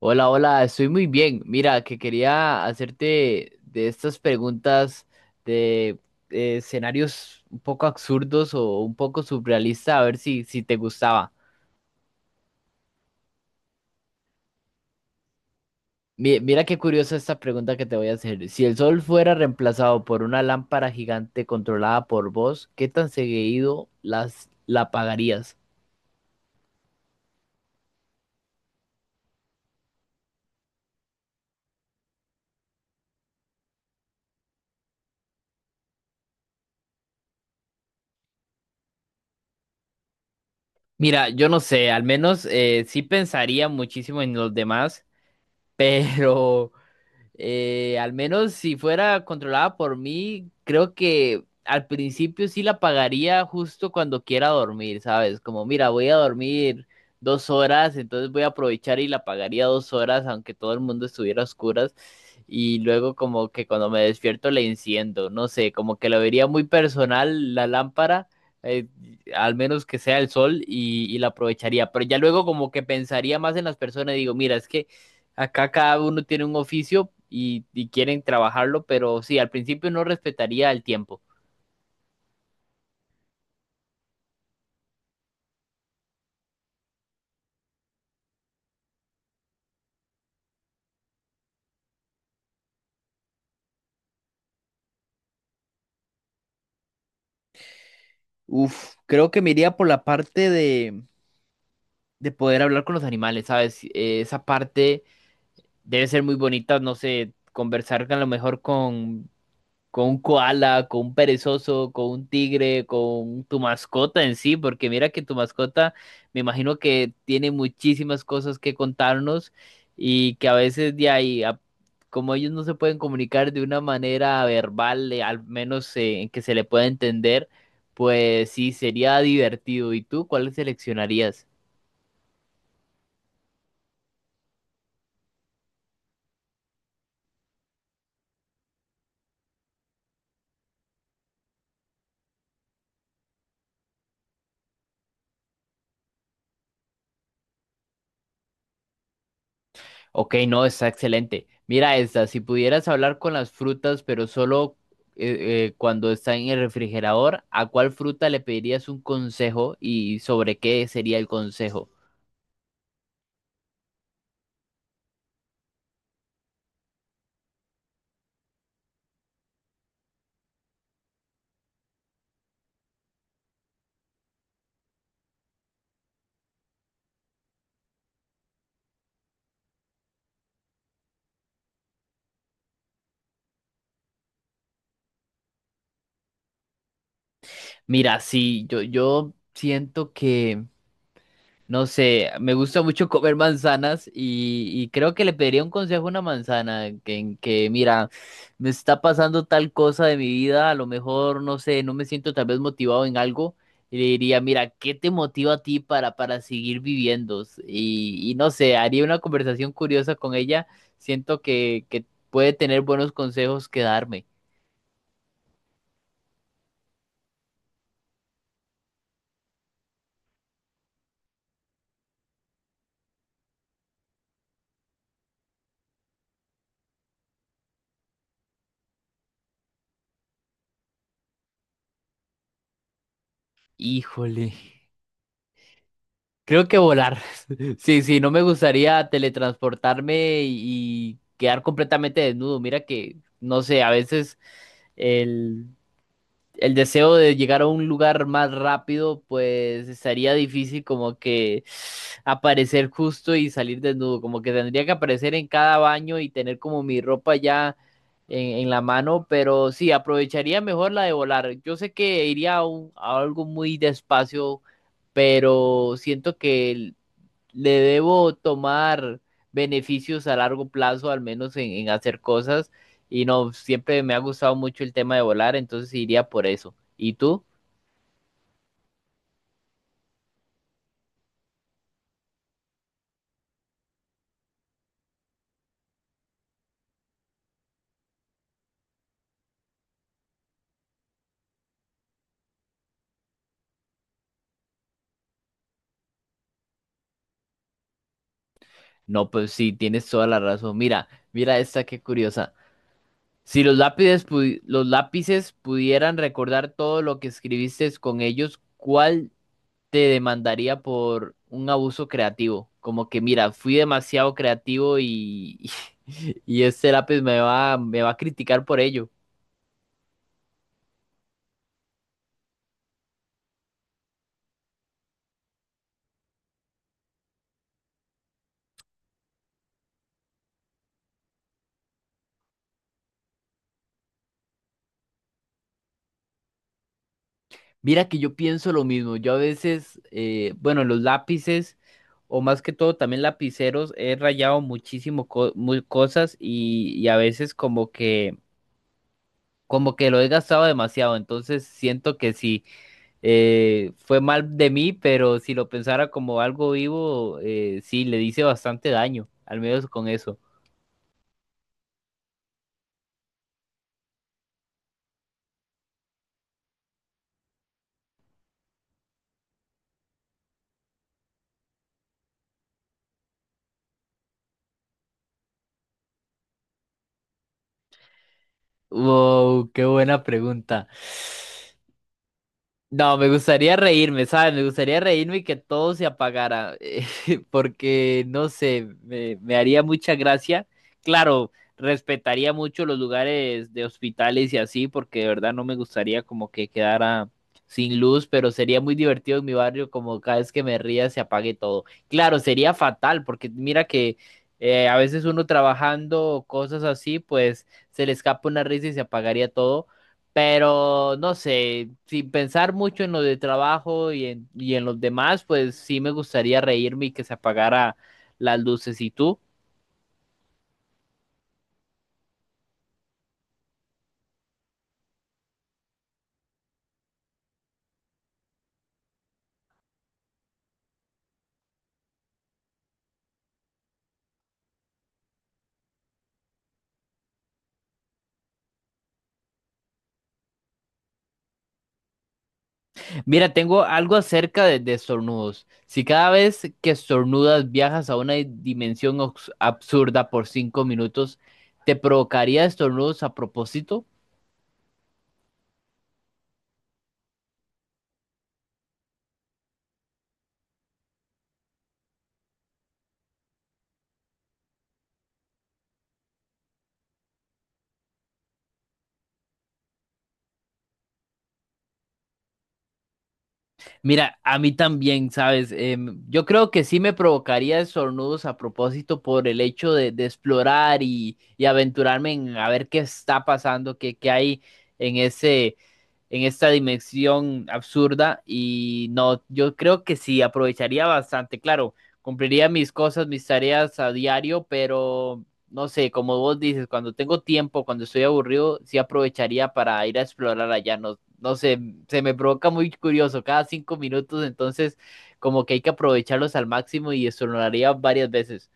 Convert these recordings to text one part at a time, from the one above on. Hola, hola, estoy muy bien. Mira, que quería hacerte de estas preguntas de escenarios un poco absurdos o un poco surrealistas, a ver si, si te gustaba. Mira qué curiosa esta pregunta que te voy a hacer. Si el sol fuera reemplazado por una lámpara gigante controlada por vos, ¿qué tan seguido la apagarías? Mira, yo no sé, al menos sí pensaría muchísimo en los demás, pero... Al menos si fuera controlada por mí, creo que al principio sí la pagaría justo cuando quiera dormir, ¿sabes? Como, mira, voy a dormir 2 horas, entonces voy a aprovechar y la pagaría 2 horas, aunque todo el mundo estuviera a oscuras. Y luego como que cuando me despierto le enciendo, no sé, como que lo vería muy personal la lámpara, eh, al menos que sea el sol y la aprovecharía. Pero ya luego como que pensaría más en las personas y digo, mira, es que acá cada uno tiene un oficio y quieren trabajarlo, pero sí, al principio no respetaría el tiempo. Uf, creo que me iría por la parte de poder hablar con los animales, ¿sabes? Esa parte debe ser muy bonita, no sé, conversar a lo mejor con un koala, con un perezoso, con un tigre, con tu mascota en sí, porque mira que tu mascota me imagino que tiene muchísimas cosas que contarnos y que a veces de ahí, como ellos no se pueden comunicar de una manera verbal, al menos en que se le pueda entender, pues sí, sería divertido. ¿Y tú cuál seleccionarías? Ok, no, está excelente. Mira esta, si pudieras hablar con las frutas, pero solo cuando está en el refrigerador, ¿a cuál fruta le pedirías un consejo y sobre qué sería el consejo? Mira, sí, yo siento que... No sé, me gusta mucho comer manzanas y creo que le pediría un consejo a una manzana que, en que, mira, me está pasando tal cosa de mi vida, a lo mejor, no sé, no me siento tal vez motivado en algo y le diría, mira, ¿qué te motiva a ti para seguir viviendo? Y no sé, haría una conversación curiosa con ella, siento que puede tener buenos consejos que darme. Híjole. Creo que volar. Sí, sí, no me gustaría teletransportarme y quedar completamente desnudo. Mira que, no sé, a veces el, el deseo de llegar a un lugar más rápido, pues estaría difícil como que aparecer justo y salir desnudo. Como que tendría que aparecer en cada baño y tener como mi ropa ya en la mano, pero sí, aprovecharía mejor la de volar. Yo sé que iría a, a algo muy despacio pero siento que le debo tomar beneficios a largo plazo, al menos en hacer cosas. Y no, siempre me ha gustado mucho el tema de volar, entonces iría por eso. ¿Y tú? No, pues sí, tienes toda la razón. Mira, mira esta, qué curiosa. Si los lápices, los lápices pudieran recordar todo lo que escribiste con ellos, ¿cuál te demandaría por un abuso creativo? Como que, mira, fui demasiado creativo y, y este lápiz me va a criticar por ello. Mira que yo pienso lo mismo. Yo a veces, bueno, los lápices, o más que todo también lapiceros, he rayado muchísimo muy cosas y a veces como como que lo he gastado demasiado. Entonces siento que sí, fue mal de mí, pero si lo pensara como algo vivo, sí, le hice bastante daño, al menos con eso. Wow, qué buena pregunta. No, me gustaría reírme, ¿sabes? Me gustaría reírme y que todo se apagara, porque no sé, me haría mucha gracia. Claro, respetaría mucho los lugares de hospitales y así, porque de verdad no me gustaría como que quedara sin luz, pero sería muy divertido en mi barrio como cada vez que me ría se apague todo. Claro, sería fatal, porque mira que a veces uno trabajando o cosas así, pues se le escapa una risa y se apagaría todo, pero no sé, sin pensar mucho en lo de trabajo y en los demás, pues sí me gustaría reírme y que se apagara las luces. ¿Y tú? Mira, tengo algo acerca de estornudos. Si cada vez que estornudas viajas a una dimensión absurda por 5 minutos, ¿te provocaría estornudos a propósito? Mira, a mí también, ¿sabes? Yo creo que sí me provocaría estornudos a propósito por el hecho de explorar y aventurarme en a ver qué está pasando, qué hay en en esta dimensión absurda. Y no, yo creo que sí, aprovecharía bastante. Claro, cumpliría mis cosas, mis tareas a diario, pero no sé, como vos dices, cuando tengo tiempo, cuando estoy aburrido, sí aprovecharía para ir a explorar allá. No no sé, se me provoca muy curioso cada 5 minutos, entonces como que hay que aprovecharlos al máximo y eso lo haría varias veces.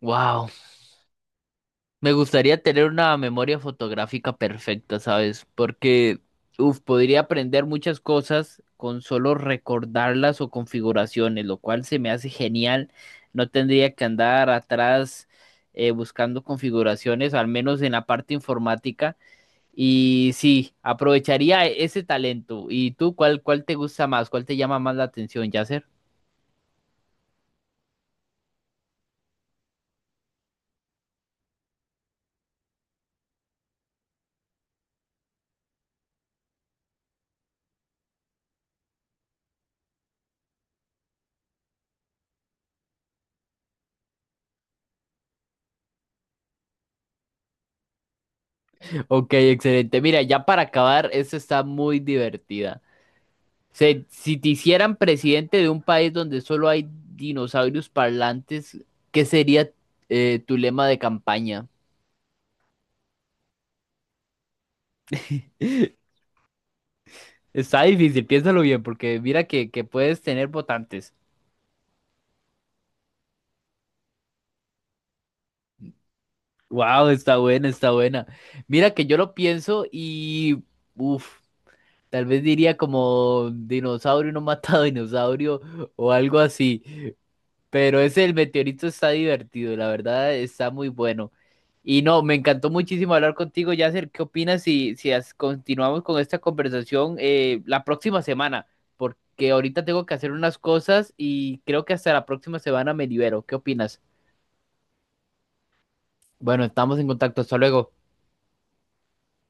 Wow, me gustaría tener una memoria fotográfica perfecta, ¿sabes? Porque, uf, podría aprender muchas cosas con solo recordarlas o configuraciones, lo cual se me hace genial. No tendría que andar atrás buscando configuraciones, al menos en la parte informática. Y sí, aprovecharía ese talento. ¿Y tú cuál, cuál te gusta más? ¿Cuál te llama más la atención, Yasser? Ok, excelente. Mira, ya para acabar, esto está muy divertida. Si te hicieran presidente de un país donde solo hay dinosaurios parlantes, ¿qué sería tu lema de campaña? Está difícil, piénsalo bien, porque mira que puedes tener votantes. Wow, está buena, está buena. Mira que yo lo pienso y... Uf. Tal vez diría como dinosaurio no matado dinosaurio o algo así. Pero ese del meteorito está divertido, la verdad está muy bueno. Y no, me encantó muchísimo hablar contigo, Yasser. ¿Qué opinas si, si continuamos con esta conversación la próxima semana? Porque ahorita tengo que hacer unas cosas y creo que hasta la próxima semana me libero. ¿Qué opinas? Bueno, estamos en contacto. Hasta luego.